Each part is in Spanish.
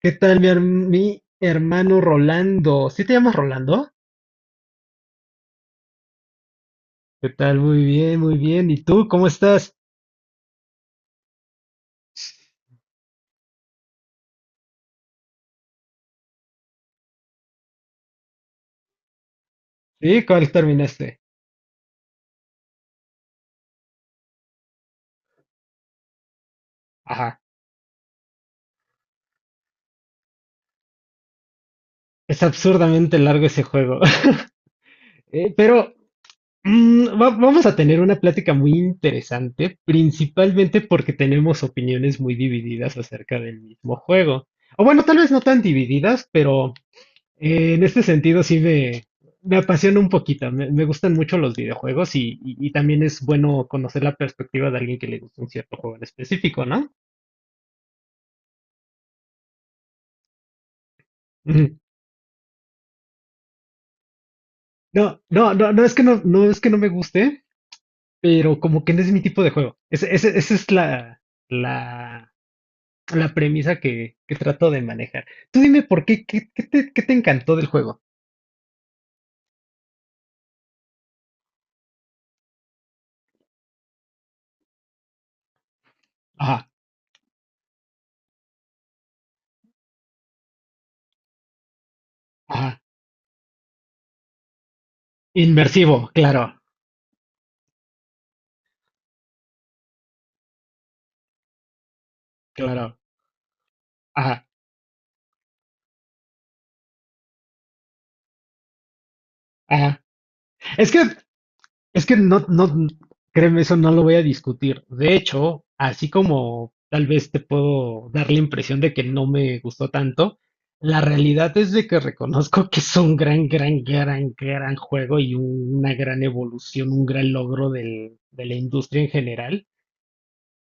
¿Qué tal mi hermano Rolando? ¿Sí te llamas Rolando? ¿Qué tal? Muy bien, muy bien. ¿Y tú cómo estás? ¿Sí? ¿Cuál terminaste? Ajá. Es absurdamente largo ese juego. Pero vamos a tener una plática muy interesante, principalmente porque tenemos opiniones muy divididas acerca del mismo juego. O bueno, tal vez no tan divididas, pero en este sentido, sí me apasiona un poquito. Me gustan mucho los videojuegos y también es bueno conocer la perspectiva de alguien que le gusta un cierto juego en específico, ¿no? Ujú. No, no, no, no es que no me guste, pero como que no es mi tipo de juego. Esa es la, la premisa que trato de manejar. Tú dime por qué, qué te encantó del juego. Ajá, ajá. Inmersivo, claro, claro. Ajá, ajá. Es que Es que créeme, eso no lo voy a discutir. De hecho, así como tal vez te puedo dar la impresión de que no me gustó tanto, la realidad es de que reconozco que es un gran, gran, gran, gran juego y una gran evolución, un gran logro de la industria en general,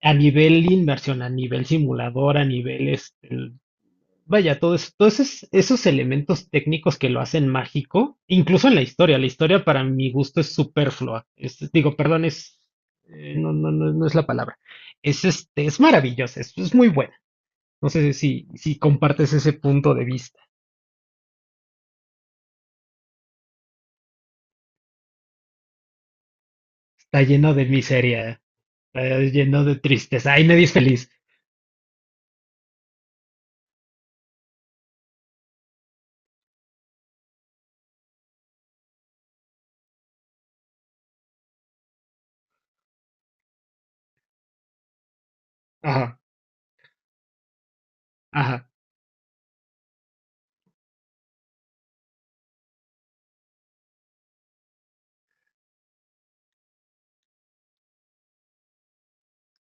a nivel inmersión, a nivel simulador, a nivel vaya, todos esos elementos técnicos que lo hacen mágico, incluso en la historia. La historia para mi gusto es superflua. Digo, perdón, no, no, no, no es la palabra. Es maravillosa, es muy buena. No sé si compartes ese punto de vista. Está lleno de miseria, está lleno de tristeza. Ay, nadie es feliz. Ajá, ajá,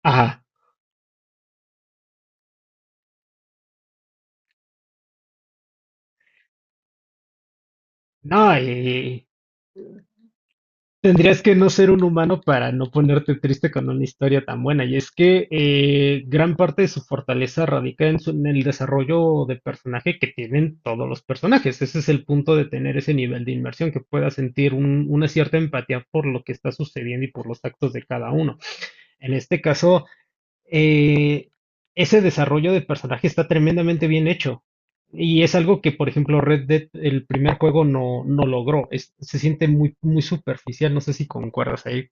ajá. No, y, Tendrías que no ser un humano para no ponerte triste con una historia tan buena. Y es que gran parte de su fortaleza radica en el desarrollo de personaje que tienen todos los personajes. Ese es el punto de tener ese nivel de inmersión, que puedas sentir una cierta empatía por lo que está sucediendo y por los actos de cada uno. En este caso, eh, ese desarrollo de personaje está tremendamente bien hecho. Y es algo que, por ejemplo, Red Dead, el primer juego, no logró. Se siente muy, muy superficial. No sé si concuerdas ahí.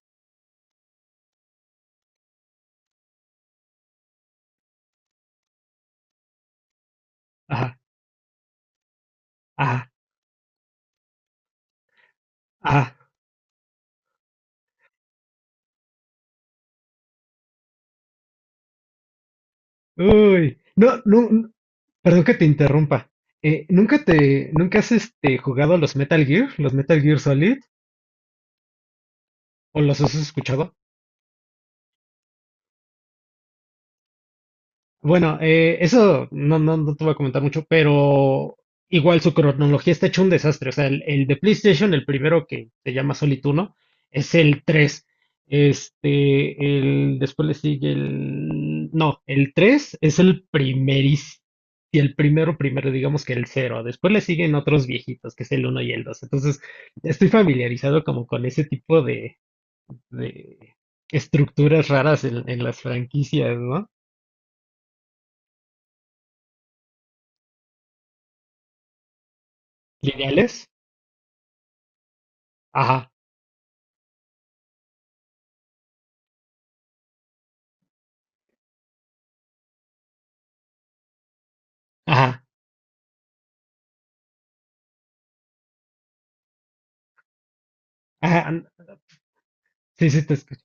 Ajá, ajá, ajá. Uy. No, no, perdón que te interrumpa. ¿Nunca nunca has jugado a los Metal Gear Solid? ¿O los has escuchado? Bueno, eso no te voy a comentar mucho, pero igual su cronología está hecho un desastre. O sea, el de PlayStation, el primero que se llama Solituno, es el 3. Después le sigue el... No, el 3 es el primeris, y el primero, primero, digamos que el cero. Después le siguen otros viejitos, que es el uno y el 2. Entonces, estoy familiarizado como con ese tipo de estructuras raras en las franquicias, ¿no? Lineales. Ajá, ajá, ajá. Sí, sí, te escucho.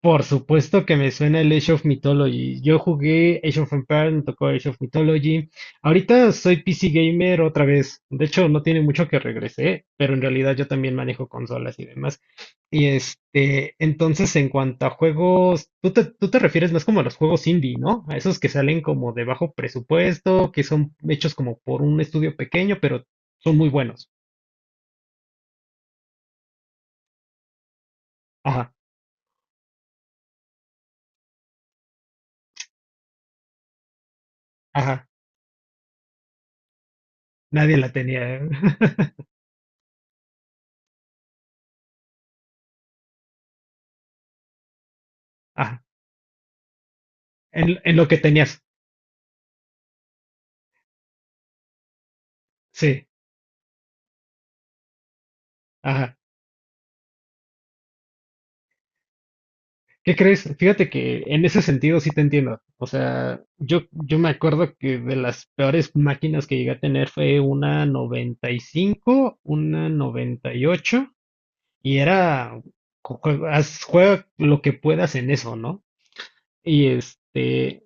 Por supuesto que me suena el Age of Mythology. Yo jugué Age of Empires, me tocó Age of Mythology. Ahorita soy PC gamer otra vez. De hecho, no tiene mucho que regresé, pero en realidad yo también manejo consolas y demás. Y entonces en cuanto a juegos, tú te refieres más como a los juegos indie, ¿no? A esos que salen como de bajo presupuesto, que son hechos como por un estudio pequeño, pero son muy buenos. Ajá, ajá. Nadie la tenía. Ajá, en lo que tenías. Sí, ajá. ¿Qué crees? Fíjate que en ese sentido sí te entiendo. O sea, yo me acuerdo que de las peores máquinas que llegué a tener fue una 95, una 98, y ocho, y era, juega lo que puedas en eso, ¿no? Y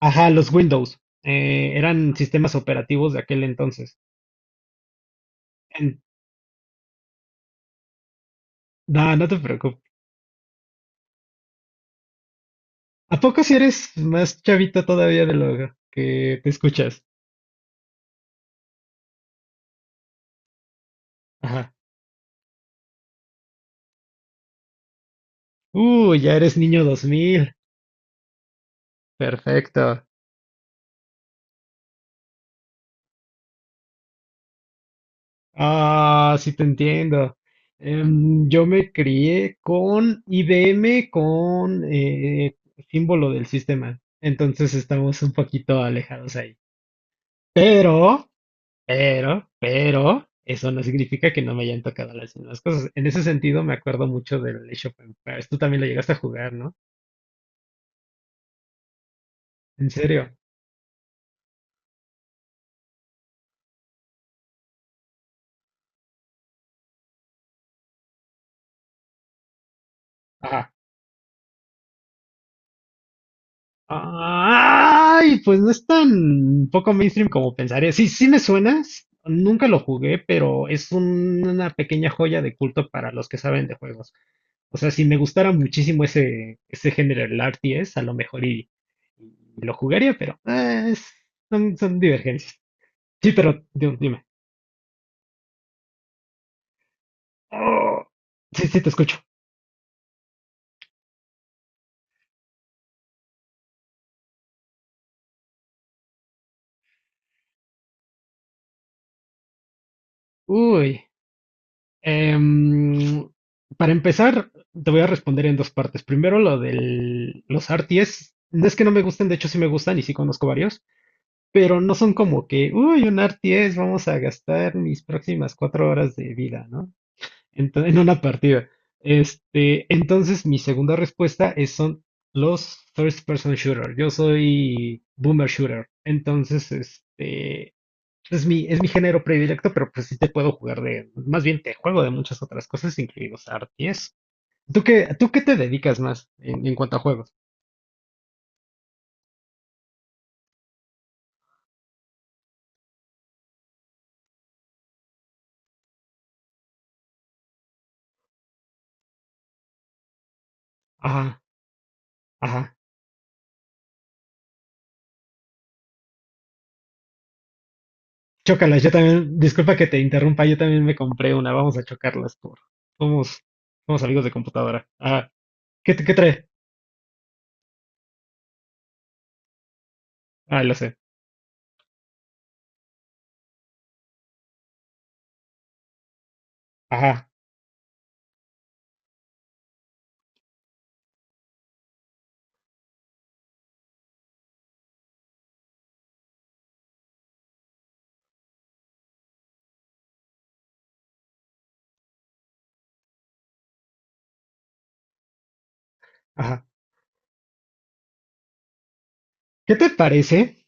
ajá, los Windows, eran sistemas operativos de aquel entonces. En- no, no te preocupes. ¿A poco si eres más chavita todavía de lo que te escuchas? Ajá. Ya eres niño 2000. Perfecto. Ah, sí te entiendo. Yo me crié con IBM con símbolo del sistema. Entonces estamos un poquito alejados ahí. Pero, pero, eso no significa que no me hayan tocado las mismas cosas. En ese sentido, me acuerdo mucho del Age of Empires. Tú también lo llegaste a jugar, ¿no? En serio. Ay, pues no es tan poco mainstream como pensaría. Sí, sí me suena. Nunca lo jugué, pero es una pequeña joya de culto para los que saben de juegos. O sea, si me gustara muchísimo ese género, el RTS, a lo mejor y lo jugaría, pero son divergencias. Sí, pero dime. Oh, sí, sí, te escucho. Uy. Em, para empezar, te voy a responder en dos partes. Primero, lo de los RTS. No es que no me gusten, de hecho sí me gustan y sí conozco varios, pero no son como que, uy, un RTS, vamos a gastar mis próximas 4 horas de vida, ¿no? En una partida. Entonces, mi segunda respuesta son los first person shooter. Yo soy boomer shooter. Entonces, es mi género predilecto, pero pues sí te puedo jugar de, más bien te juego de muchas otras cosas, incluidos arties. ¿Tú qué te dedicas más en cuanto a juegos? Ajá, ajá. Chócalas, yo también, disculpa que te interrumpa, yo también me compré una, vamos a chocarlas por. Somos, somos amigos de computadora. Ajá. ¿Qué trae? Ah, lo sé. Ajá, ajá. ¿Qué te parece?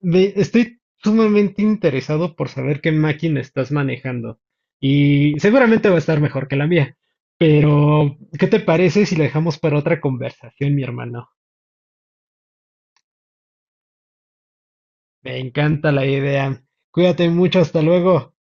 Ve, estoy sumamente interesado por saber qué máquina estás manejando. Y seguramente va a estar mejor que la mía. Pero, ¿qué te parece si la dejamos para otra conversación, mi hermano? Me encanta la idea. Cuídate mucho, hasta luego.